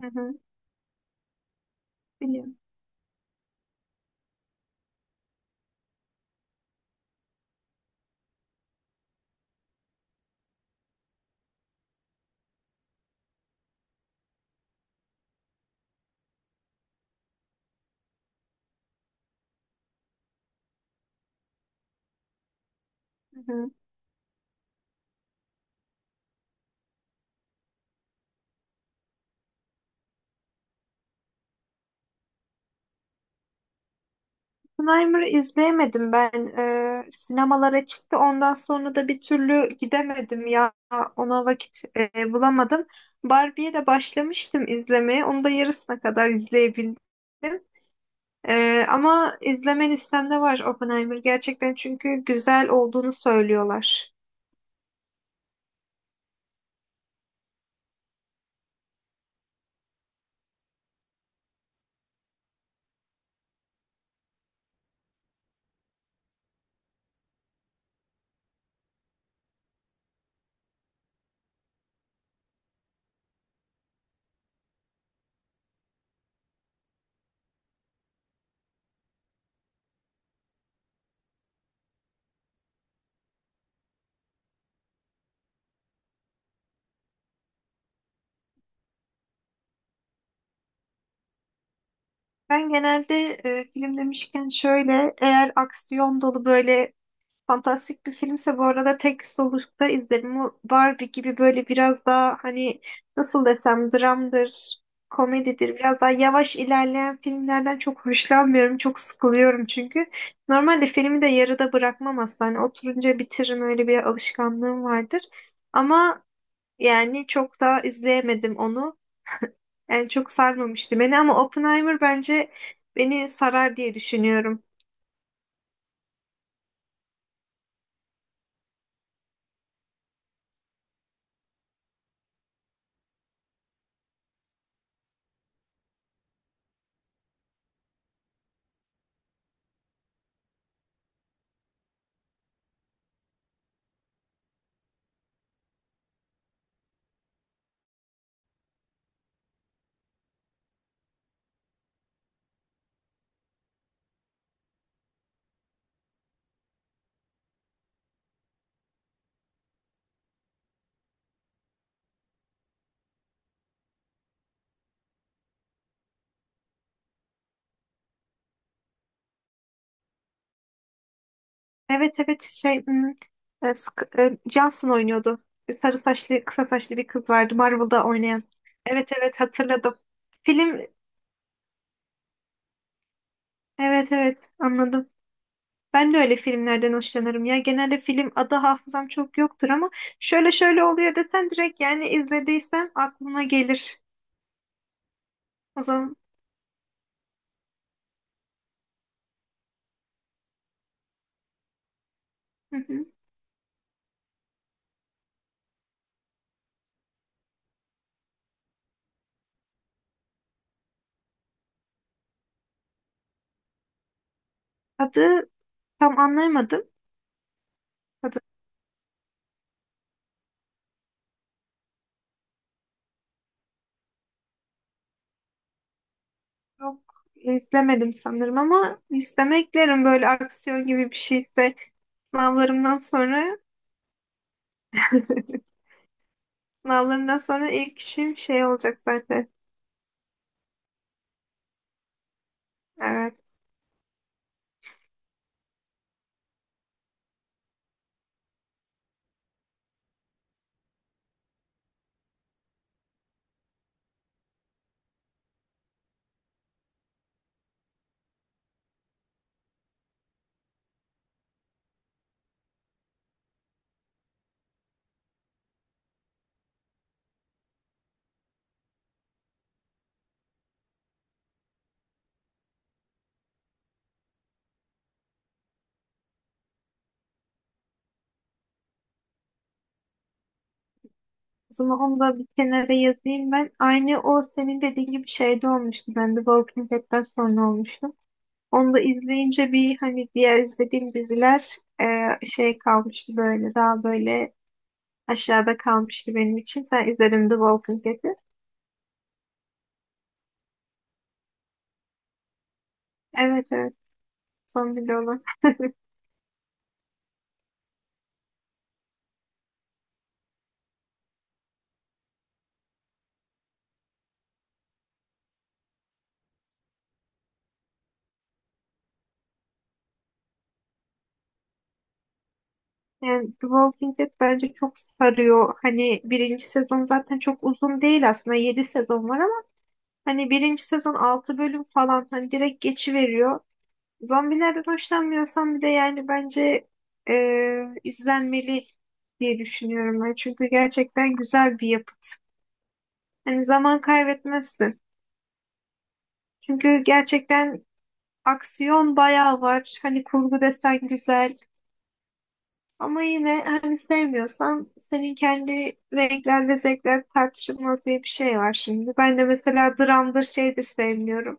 Hı hı, biliyorum. Hı hı. Oppenheimer'ı izleyemedim ben. Sinemalara çıktı. Ondan sonra da bir türlü gidemedim ya. Ona vakit bulamadım. Barbie'ye de başlamıştım izlemeye. Onu da yarısına kadar izleyebildim. Ama izlemen listemde var Oppenheimer gerçekten çünkü güzel olduğunu söylüyorlar. Ben genelde film demişken şöyle eğer aksiyon dolu böyle fantastik bir filmse bu arada tek solukta izlerim. Bu Barbie gibi böyle biraz daha hani nasıl desem dramdır, komedidir. Biraz daha yavaş ilerleyen filmlerden çok hoşlanmıyorum. Çok sıkılıyorum çünkü. Normalde filmi de yarıda bırakmam aslında. Hani oturunca bitiririm, öyle bir alışkanlığım vardır. Ama yani çok daha izleyemedim onu. Yani çok sarmamıştı beni ama Oppenheimer bence beni sarar diye düşünüyorum. Evet evet, şey, hmm, Johnson oynuyordu. Sarı saçlı, kısa saçlı bir kız vardı Marvel'da oynayan. Evet evet, hatırladım. Film, evet evet, anladım. Ben de öyle filmlerden hoşlanırım ya. Genelde film adı hafızam çok yoktur ama şöyle şöyle oluyor desen direkt yani izlediysem aklıma gelir. O zaman hı hı. Adı tam anlayamadım. Adı çok izlemedim sanırım ama listeme eklerim böyle aksiyon gibi bir şeyse sınavlarımdan sonra. Sınavlarından sonra ilk işim şey olacak zaten. Evet. O zaman onu da bir kenara yazayım ben. Aynı o senin dediğin gibi şeyde olmuştu. Ben de Walking Dead'den sonra olmuştu. Onu da izleyince bir hani diğer izlediğim diziler şey kalmıştı böyle, daha böyle aşağıda kalmıştı benim için. Sen izledin The Walking Dead'i. Evet evet. Son bile olan. Yani The Walking Dead bence çok sarıyor. Hani birinci sezon zaten çok uzun değil aslında. 7 sezon var, hani birinci sezon 6 bölüm falan, hani direkt geçiveriyor. Zombilerden hoşlanmıyorsam bir de yani bence izlenmeli diye düşünüyorum ben. Çünkü gerçekten güzel bir yapıt. Hani zaman kaybetmezsin. Çünkü gerçekten aksiyon bayağı var. Hani kurgu desen güzel. Ama yine hani sevmiyorsan, senin kendi renkler ve zevkler tartışılmaz diye bir şey var şimdi. Ben de mesela dramdır şeydir sevmiyorum.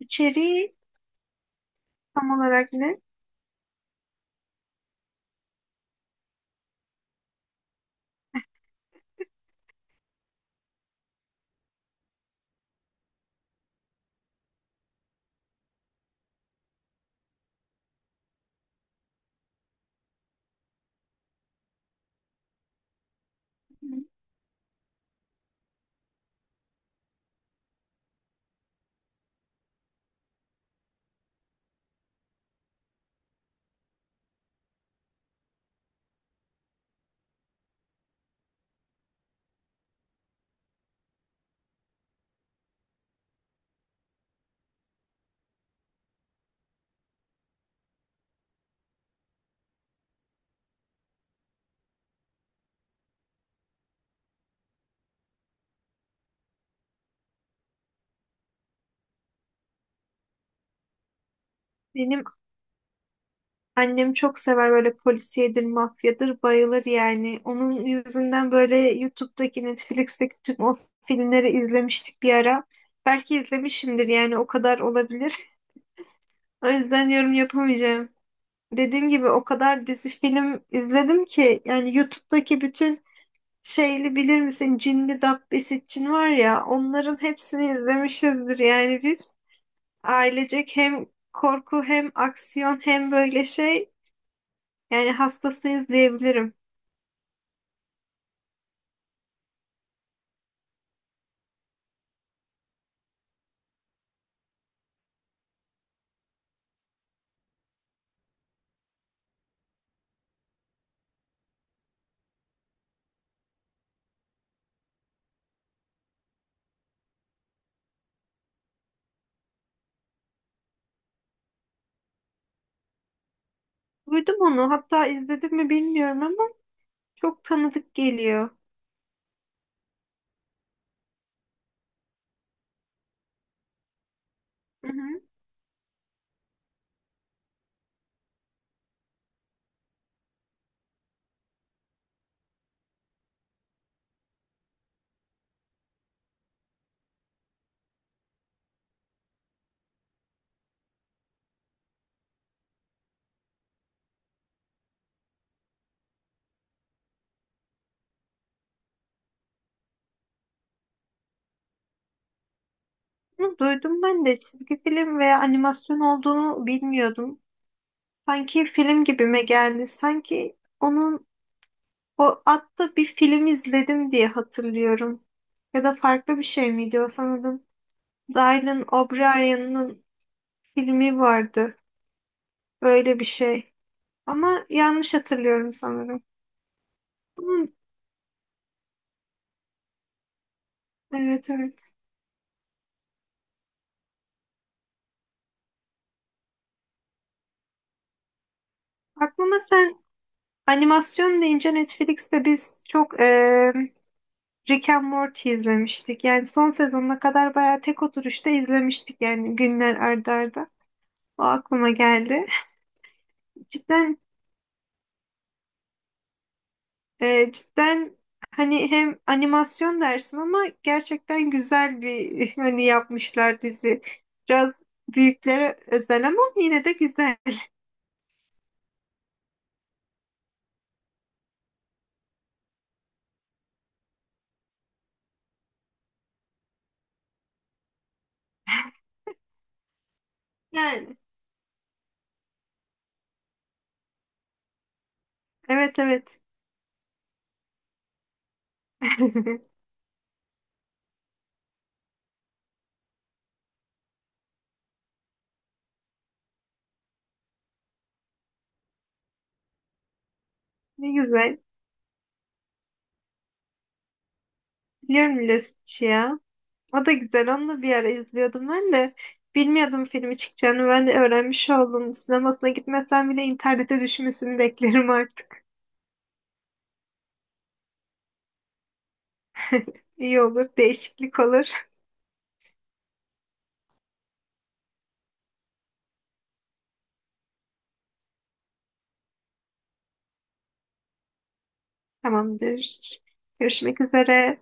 İçeriği tam olarak ne? Benim annem çok sever, böyle polisiyedir, mafyadır, bayılır yani. Onun yüzünden böyle YouTube'daki, Netflix'teki tüm o filmleri izlemiştik bir ara. Belki izlemişimdir yani, o kadar olabilir. O yüzden yorum yapamayacağım. Dediğim gibi o kadar dizi film izledim ki yani YouTube'daki bütün şeyli, bilir misin? Cinli Dabbesi Cin var ya, onların hepsini izlemişizdir yani biz. Ailecek hem korku hem aksiyon hem böyle şey. Yani hastasıyız diyebilirim. Duydum onu. Hatta izledim mi bilmiyorum ama çok tanıdık geliyor. Hı hı. Bunu duydum, ben de çizgi film veya animasyon olduğunu bilmiyordum. Sanki film gibime geldi. Sanki onun o atta bir film izledim diye hatırlıyorum. Ya da farklı bir şey miydi o sanırım. Dylan O'Brien'in filmi vardı. Böyle bir şey. Ama yanlış hatırlıyorum sanırım. Bunun, evet evet. Aklıma sen, animasyon deyince Netflix'te biz çok Rick and Morty izlemiştik. Yani son sezonuna kadar bayağı tek oturuşta izlemiştik yani günler ardarda. arda. O aklıma geldi. Cidden, cidden hani hem animasyon dersin ama gerçekten güzel bir hani yapmışlar dizi. Biraz büyüklere özel ama yine de güzel. Yani evet evet. Ne güzel. Biliyorum Lost'u ya. O da güzel. Onu da bir ara izliyordum ben de. Bilmiyordum filmi çıkacağını. Ben de öğrenmiş oldum. Sinemasına gitmesem bile internete düşmesini beklerim artık. İyi olur. Değişiklik olur. Tamamdır. Görüşmek üzere.